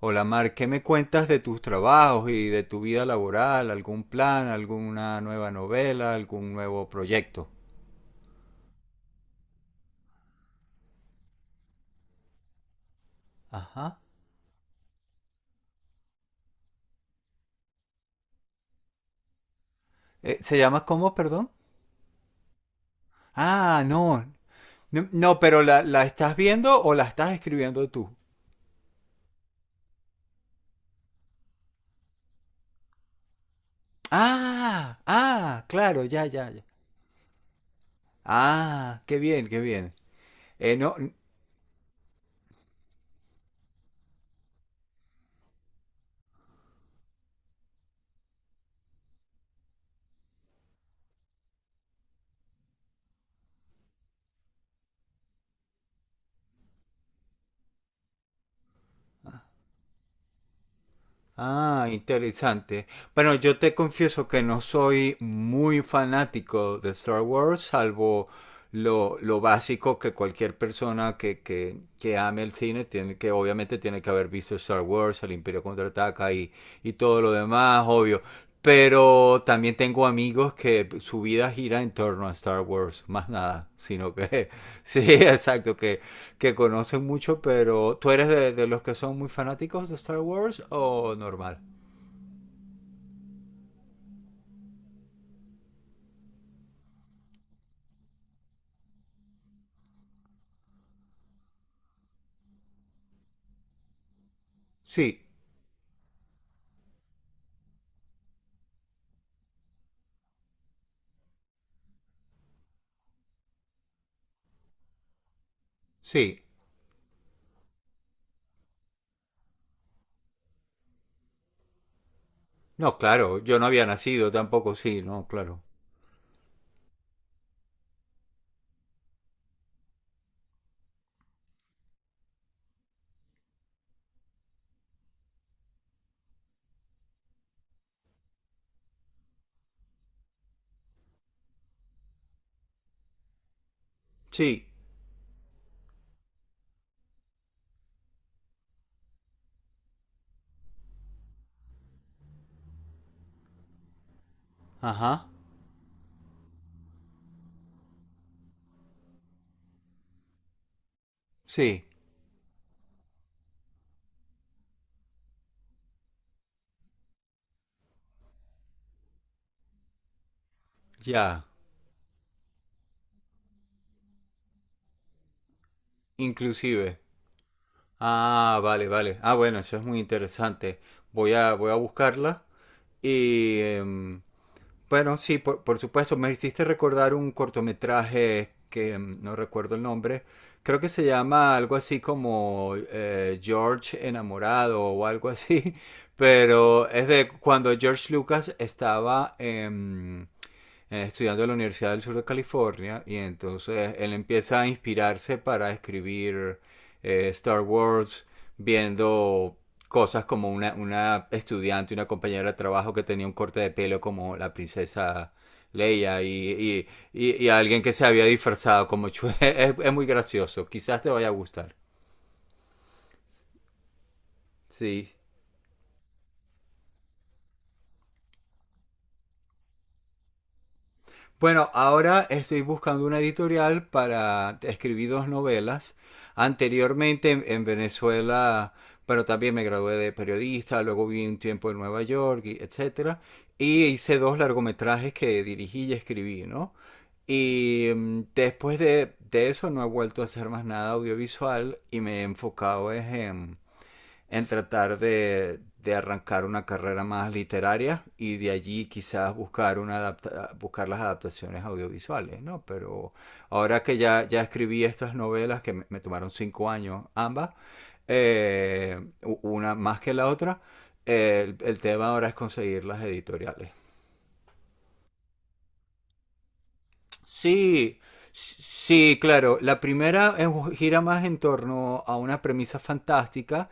Hola Mar, ¿qué me cuentas de tus trabajos y de tu vida laboral? ¿Algún plan, alguna nueva novela, algún nuevo proyecto? Ajá. ¿Se llama cómo, perdón? Ah, no. No, no, pero la estás viendo o la estás escribiendo tú. Ah, ah, claro, ya, ya, ya. Ah, qué bien, qué bien. No. Ah, interesante. Bueno, yo te confieso que no soy muy fanático de Star Wars, salvo lo básico que cualquier persona que ame el cine tiene que, obviamente, tiene que haber visto Star Wars, el Imperio Contraataca y todo lo demás, obvio. Pero también tengo amigos que su vida gira en torno a Star Wars, más nada, sino que, sí, exacto, que conocen mucho, pero ¿tú eres de los que son muy fanáticos de Star Wars o normal? Sí, sí. No, claro, yo no había nacido tampoco, sí, no, claro. Sí, ajá, sí, ya, inclusive. Ah, vale, vale. Ah, bueno, eso es muy interesante. Voy a buscarla y, bueno, sí, por supuesto, me hiciste recordar un cortometraje que no recuerdo el nombre, creo que se llama algo así como George enamorado o algo así, pero es de cuando George Lucas estaba estudiando en la Universidad del Sur de California y entonces él empieza a inspirarse para escribir Star Wars viendo cosas como una estudiante, una compañera de trabajo que tenía un corte de pelo como la princesa Leia y alguien que se había disfrazado como Chue. Es muy gracioso, quizás te vaya a gustar. Sí, bueno, ahora estoy buscando una editorial para escribir dos novelas. Anteriormente en Venezuela, pero también me gradué de periodista, luego viví un tiempo en Nueva York, y etcétera, y hice dos largometrajes que dirigí y escribí, ¿no? Y después de eso no he vuelto a hacer más nada audiovisual y me he enfocado es en tratar de arrancar una carrera más literaria y de allí quizás buscar, una buscar las adaptaciones audiovisuales, ¿no? Pero ahora que ya, ya escribí estas novelas, que me tomaron 5 años ambas, eh, una más que la otra, el tema ahora es conseguir las editoriales. Sí, sí, claro. La primera gira más en torno a una premisa fantástica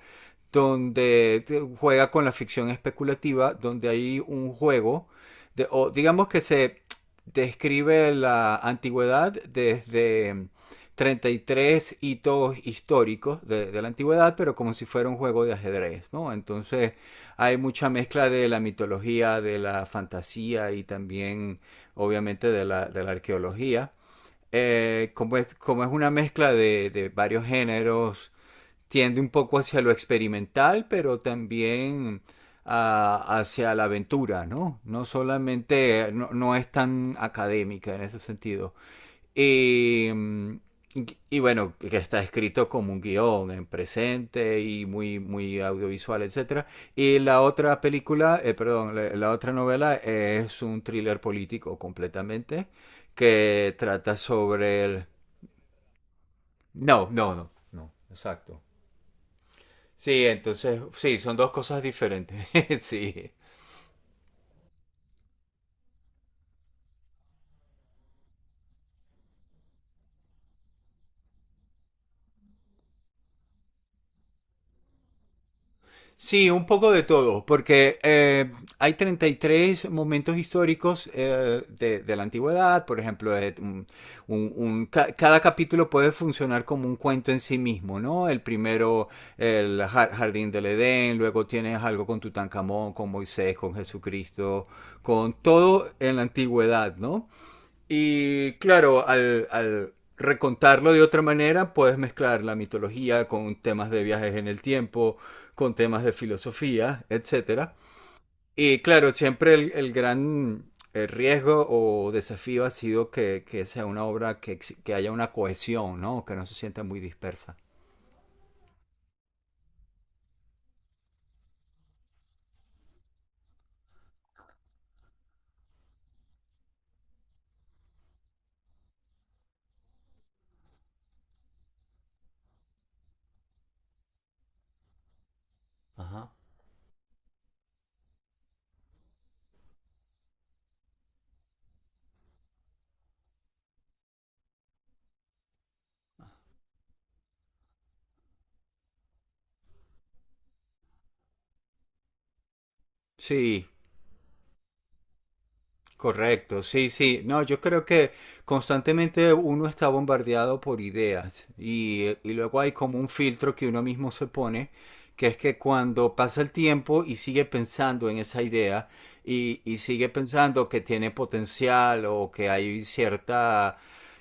donde juega con la ficción especulativa, donde hay un juego, de, o digamos que se describe la antigüedad desde 33 hitos históricos la antigüedad, pero como si fuera un juego de ajedrez, ¿no? Entonces hay mucha mezcla de la mitología, de la fantasía y también obviamente de de la arqueología. Como es una mezcla de varios géneros, tiende un poco hacia lo experimental, pero también hacia la aventura, ¿no? No solamente, no, no es tan académica en ese sentido. Y, y bueno, que está escrito como un guión en presente y muy, muy audiovisual, etcétera. Y la otra película, perdón, la otra novela es un thriller político completamente que trata sobre el... No, no, no, no, exacto. Sí, entonces, sí, son dos cosas diferentes. Sí. Sí, un poco de todo, porque hay 33 momentos históricos de la antigüedad, por ejemplo, cada capítulo puede funcionar como un cuento en sí mismo, ¿no? El primero, el jardín del Edén, luego tienes algo con Tutankamón, con Moisés, con Jesucristo, con todo en la antigüedad, ¿no? Y claro, al recontarlo de otra manera, puedes mezclar la mitología con temas de viajes en el tiempo, con temas de filosofía, etcétera. Y claro, siempre el gran el riesgo o desafío ha sido que sea una obra haya una cohesión, ¿no? Que no se sienta muy dispersa. Ajá. Sí, correcto, sí, sí. No, yo creo que constantemente uno está bombardeado por ideas y luego hay como un filtro que uno mismo se pone, que es que cuando pasa el tiempo y sigue pensando en esa idea y sigue pensando que tiene potencial o que hay cierta,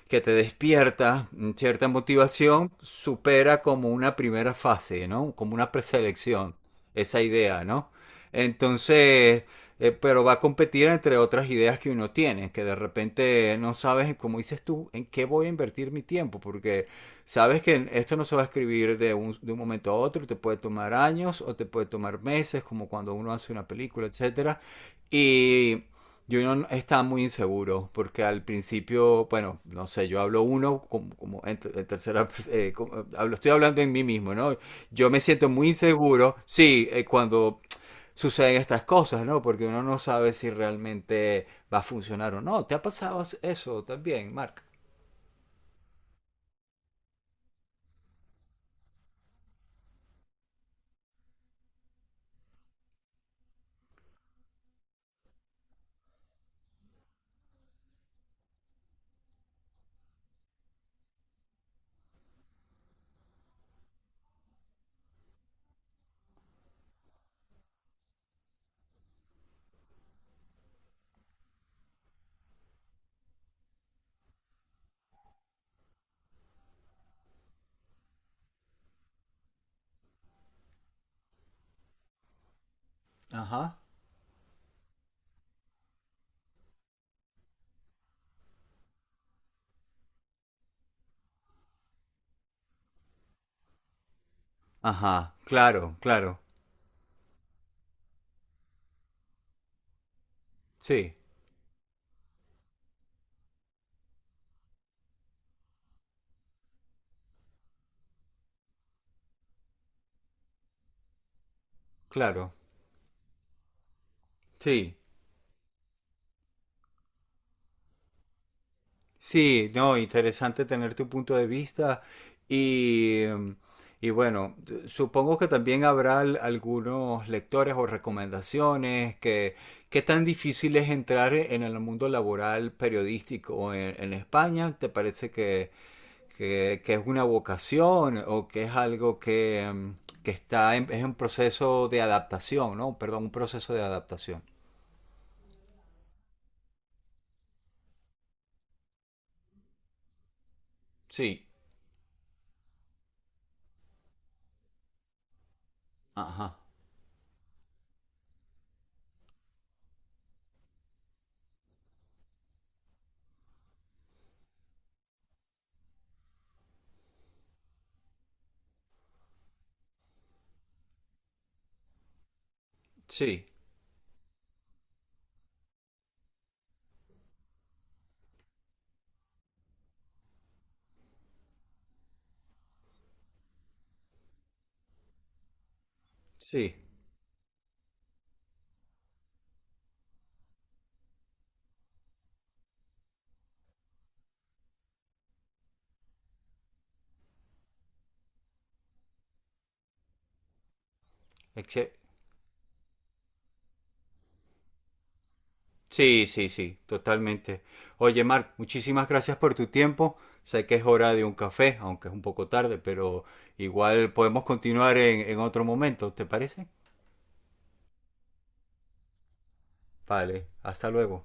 que te despierta cierta motivación, supera como una primera fase, ¿no? Como una preselección, esa idea, ¿no? Entonces, pero va a competir entre otras ideas que uno tiene, que de repente no sabes, como dices tú, en qué voy a invertir mi tiempo, porque sabes que esto no se va a escribir de un momento a otro, te puede tomar años o te puede tomar meses, como cuando uno hace una película, etcétera, y... yo no está muy inseguro, porque al principio, bueno, no sé, yo hablo uno como, en tercera, hablo, estoy hablando en mí mismo, ¿no? Yo me siento muy inseguro, sí, cuando suceden estas cosas, ¿no? Porque uno no sabe si realmente va a funcionar o no. ¿Te ha pasado eso también, Mark? Ajá. Ajá, claro, claro. Sí, claro. Sí, sí, no, interesante tener tu punto de vista y, y bueno, supongo que también habrá algunos lectores o recomendaciones que qué tan difícil es entrar en el mundo laboral periodístico en España. ¿Te parece que, que es una vocación o que es algo que, que está en, es un proceso de adaptación, ¿no? Perdón, un proceso de adaptación. Sí, ajá, sí, sí, Exce- sí, sí, sí, totalmente. Oye, Marc, muchísimas gracias por tu tiempo. Sé que es hora de un café, aunque es un poco tarde, pero igual podemos continuar en otro momento, ¿te parece? Vale, hasta luego.